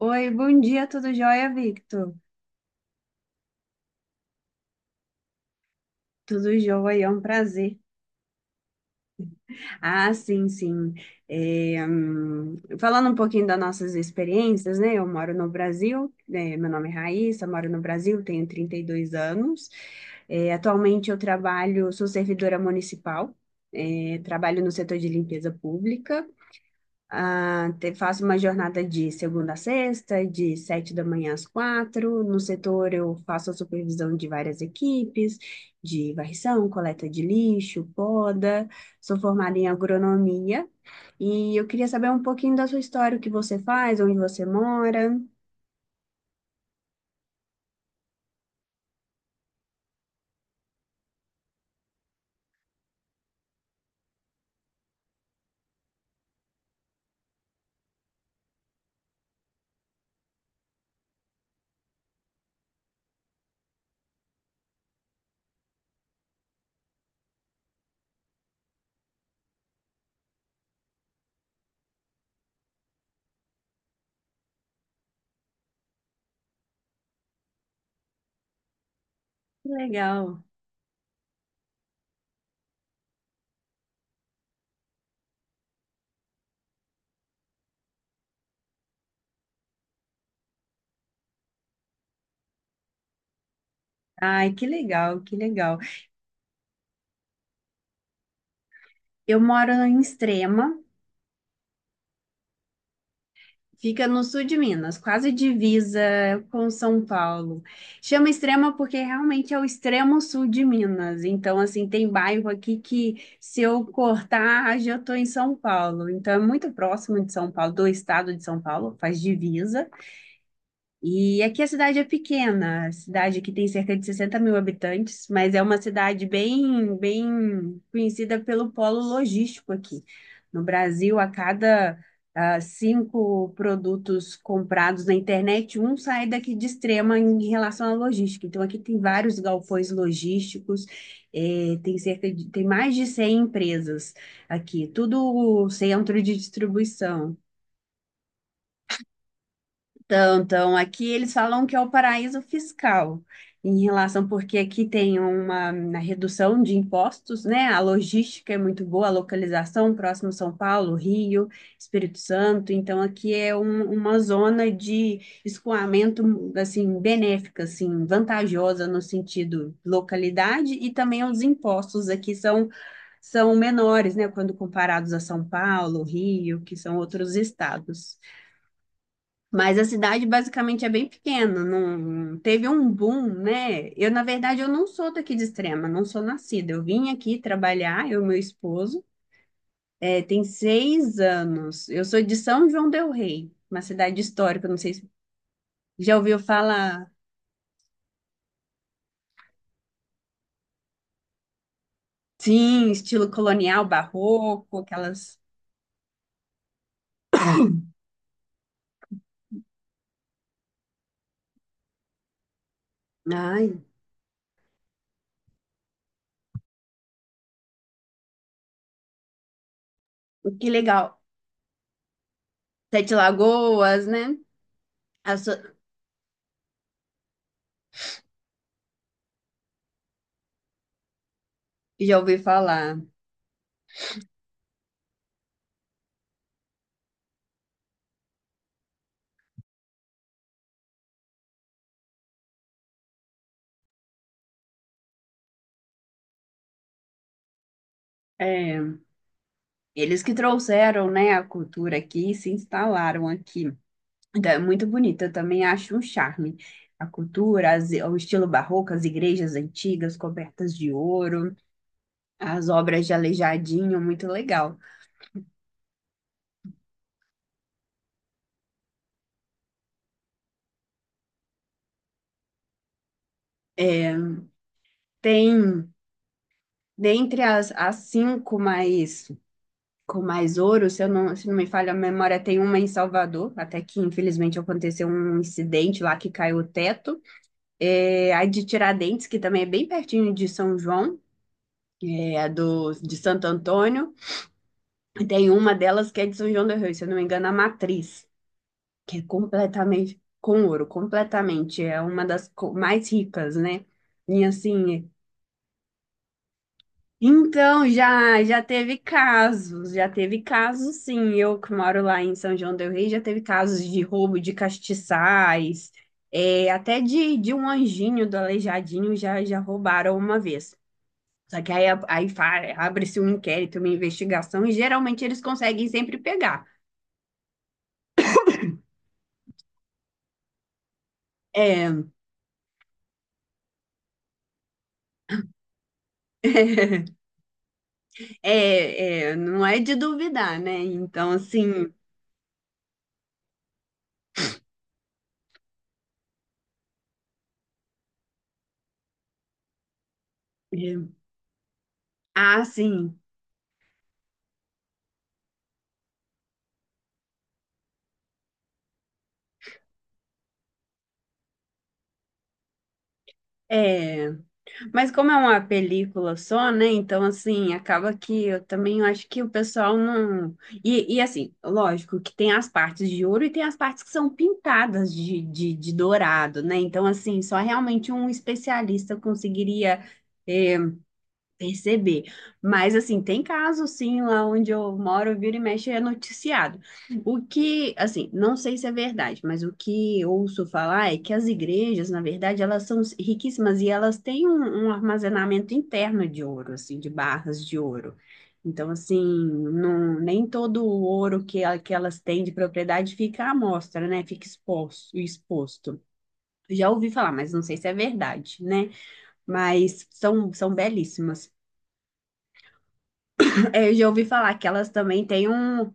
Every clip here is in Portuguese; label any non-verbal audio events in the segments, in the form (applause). Oi, bom dia, tudo jóia, Victor? Tudo jóia, é um prazer. Ah, sim, sim. É, falando um pouquinho das nossas experiências, né? Eu moro no Brasil, né, meu nome é Raíssa, moro no Brasil, tenho 32 anos. É, atualmente eu trabalho, sou servidora municipal, é, trabalho no setor de limpeza pública. Ah, faço uma jornada de segunda a sexta, de sete da manhã às quatro. No setor, eu faço a supervisão de várias equipes, de varrição, coleta de lixo, poda. Sou formada em agronomia. E eu queria saber um pouquinho da sua história, o que você faz, onde você mora. Que legal. Ai, que legal, que legal. Eu moro em Extrema. Fica no sul de Minas, quase divisa com São Paulo. Chama Extrema porque realmente é o extremo sul de Minas. Então, assim, tem bairro aqui que se eu cortar, já estou em São Paulo. Então, é muito próximo de São Paulo, do estado de São Paulo, faz divisa. E aqui a cidade é pequena, a cidade que tem cerca de 60 mil habitantes, mas é uma cidade bem, bem conhecida pelo polo logístico aqui. No Brasil, a cada cinco produtos comprados na internet, um sai daqui de Extrema em relação à logística. Então, aqui tem vários galpões logísticos, tem mais de 100 empresas aqui, tudo centro de distribuição. Então, então, aqui eles falam que é o paraíso fiscal, em relação, porque aqui tem uma redução de impostos, né? A logística é muito boa, a localização próximo São Paulo, Rio, Espírito Santo. Então, aqui é uma zona de escoamento, assim, benéfica, assim, vantajosa no sentido localidade e também os impostos aqui são, são menores, né? Quando comparados a São Paulo, Rio, que são outros estados. Mas a cidade basicamente é bem pequena, não teve um boom, né? Eu, na verdade, eu não sou daqui de Extrema, não sou nascida. Eu vim aqui trabalhar, eu e meu esposo, é, tem 6 anos. Eu sou de São João del Rei, uma cidade histórica, não sei se já ouviu falar. Sim, estilo colonial, barroco, aquelas. Ai, que legal. Sete Lagoas, né? A so- Já ouvi falar. É, eles que trouxeram, né, a cultura aqui, e se instalaram aqui. Então, é muito bonito, eu também acho um charme. A cultura, o estilo barroco, as igrejas antigas cobertas de ouro, as obras de Aleijadinho, muito legal. Tem, dentre as cinco mais, com mais ouro, se eu não, se não me falha a memória, tem uma em Salvador, até que infelizmente aconteceu um incidente lá que caiu o teto. É, a de Tiradentes, que também é bem pertinho de São João, é, a do, de Santo Antônio. E tem uma delas que é de São João do Rio, se eu não me engano, a Matriz, que é completamente com ouro, completamente, é uma das mais ricas, né? E assim, então já teve casos, já teve casos sim, eu que moro lá em São João del Rei, já teve casos de roubo de castiçais, é, até de um anjinho do Aleijadinho já roubaram uma vez. Só que aí, abre-se um inquérito, uma investigação, e geralmente eles conseguem sempre pegar. É, é, é, não é de duvidar, né? Então, assim, é. Ah, sim. É, mas como é uma película só, né? Então, assim, acaba que eu também acho que o pessoal não. Assim, lógico que tem as partes de ouro e tem as partes que são pintadas de dourado, né? Então, assim, só realmente um especialista conseguiria, é, perceber. Mas, assim, tem casos, sim, lá onde eu moro, vira e mexe, é noticiado. O que, assim, não sei se é verdade, mas o que ouço falar é que as igrejas, na verdade, elas são riquíssimas e elas têm um armazenamento interno de ouro, assim, de barras de ouro. Então, assim, não, nem todo o ouro que, que elas têm de propriedade fica à mostra, né? Fica exposto, exposto. Já ouvi falar, mas não sei se é verdade, né? Mas são, são belíssimas. É, eu já ouvi falar que elas também têm um,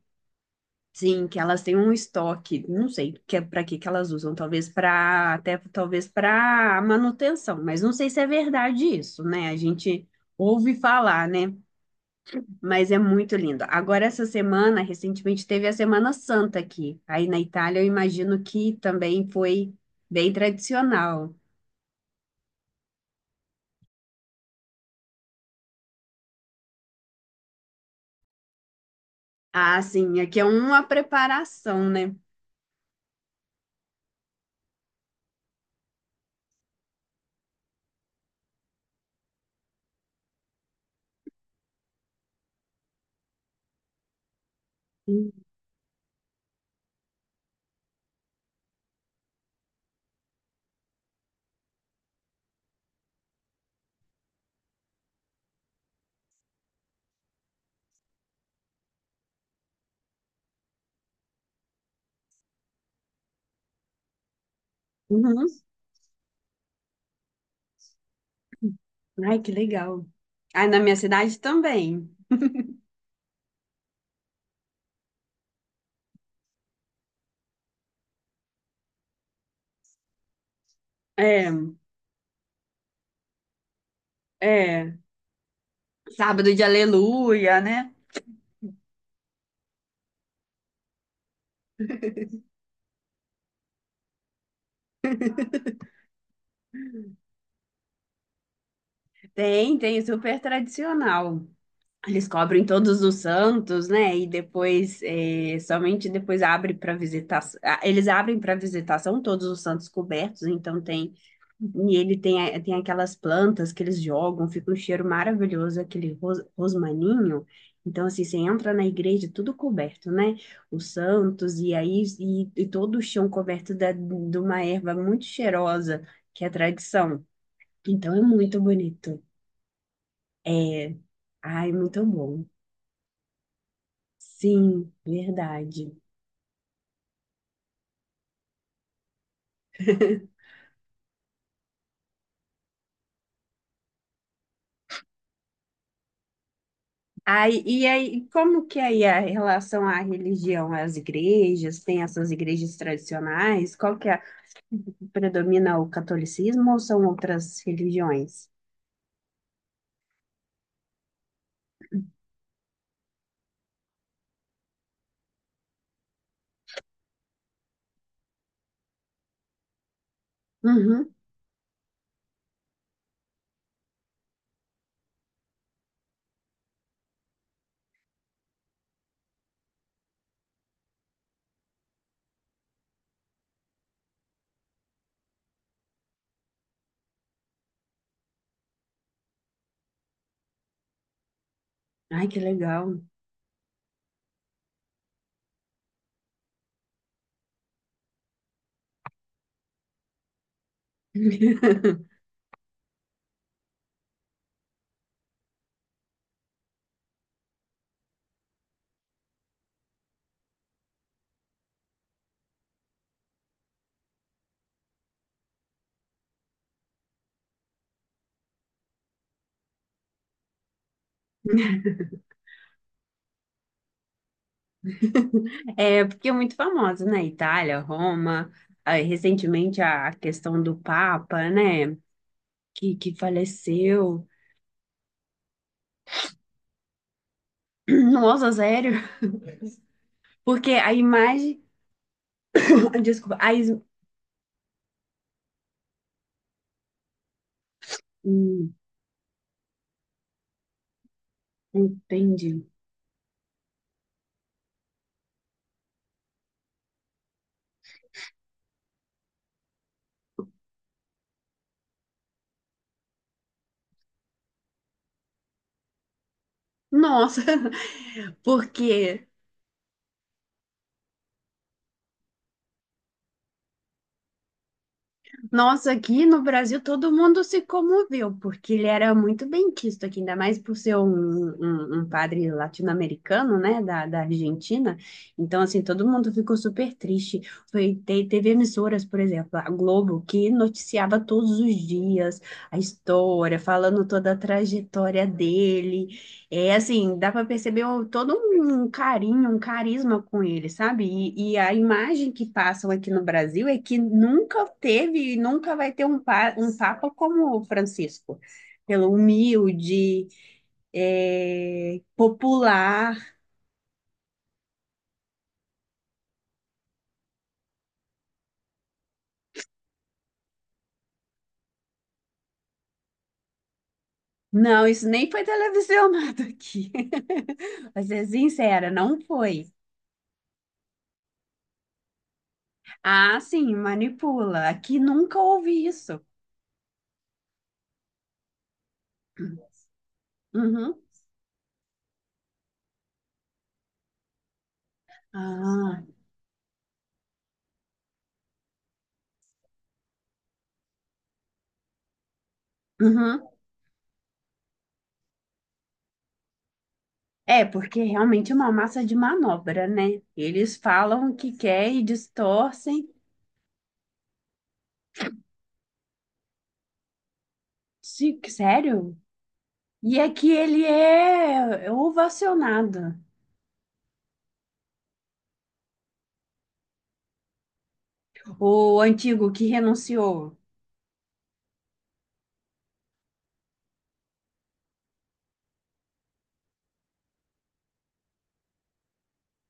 sim, que elas têm um estoque, não sei que é para que que elas usam, talvez para até talvez para manutenção, mas não sei se é verdade isso, né? A gente ouve falar, né? Mas é muito lindo. Agora essa semana, recentemente teve a Semana Santa aqui. Aí na Itália, eu imagino que também foi bem tradicional. Ah, sim, aqui é uma preparação, né? Uhum. Ai, que legal. Aí na minha cidade também. É. É, sábado de aleluia, né? Tem, tem, super tradicional. Eles cobrem todos os santos, né? E depois, eh, somente depois abre para visitação. Eles abrem para visitação todos os santos cobertos, então tem. E ele tem, tem aquelas plantas que eles jogam, fica um cheiro maravilhoso, aquele rosmaninho. Então, assim, você entra na igreja, tudo coberto, né? Os santos, e aí, e todo o chão coberto da, de uma erva muito cheirosa, que é a tradição. Então, é muito bonito. É, ai, muito bom. Sim, verdade. Aí, e aí, como que é aí a relação à religião, às igrejas, tem essas igrejas tradicionais? Qual que é? Predomina o catolicismo ou são outras religiões? Uhum. Ai, que legal. (laughs) É, porque é muito famosa, né? Itália, Roma, aí, recentemente a questão do Papa, né? Que faleceu. (clears throat) Nossa, sério? Porque a imagem. (coughs) Desculpa, hum, entendi. Nossa, (laughs) porque nossa, aqui no Brasil todo mundo se comoveu, porque ele era muito bem quisto aqui, ainda mais por ser um padre latino-americano, né, da Argentina. Então, assim, todo mundo ficou super triste. Foi, teve emissoras, por exemplo, a Globo, que noticiava todos os dias a história, falando toda a trajetória dele. É assim, dá para perceber todo um carinho, um carisma com ele, sabe? E a imagem que passam aqui no Brasil é que nunca teve e nunca vai ter um, um papa como o Francisco, pelo humilde, é, popular. Não, isso nem foi televisionado aqui. (laughs) Pra ser sincera, não foi. Ah, sim, manipula. Aqui nunca houve isso. Uhum. Ah, uhum. É, porque realmente é uma massa de manobra, né? Eles falam o que quer e distorcem. Sim, sério? E é que ele é ovacionado, o antigo que renunciou.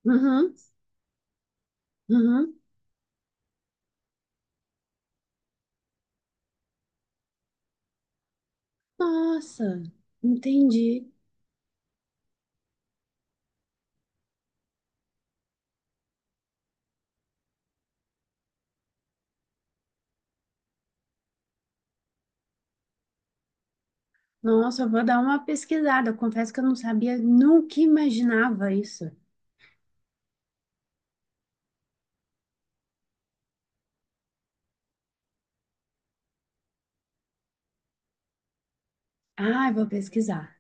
Uhum, uhum. Nossa, entendi. Nossa, eu vou dar uma pesquisada. Eu confesso que eu não sabia, nunca imaginava isso. Ah, eu vou pesquisar.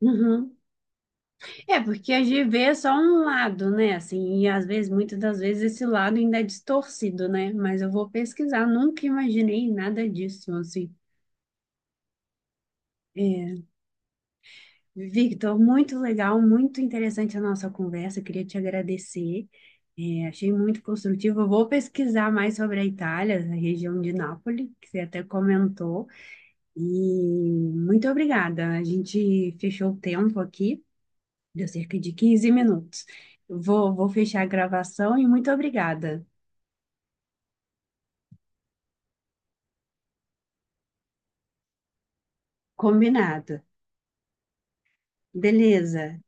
Uhum. É, porque a gente vê só um lado, né? Assim, e às vezes, muitas das vezes, esse lado ainda é distorcido, né? Mas eu vou pesquisar, nunca imaginei nada disso, assim. É, Victor, muito legal, muito interessante a nossa conversa, queria te agradecer. É, achei muito construtivo. Eu vou pesquisar mais sobre a Itália, a região de Nápoles, que você até comentou. E muito obrigada. A gente fechou o tempo aqui. Deu cerca de 15 minutos. Vou, vou fechar a gravação e muito obrigada. Combinado. Beleza.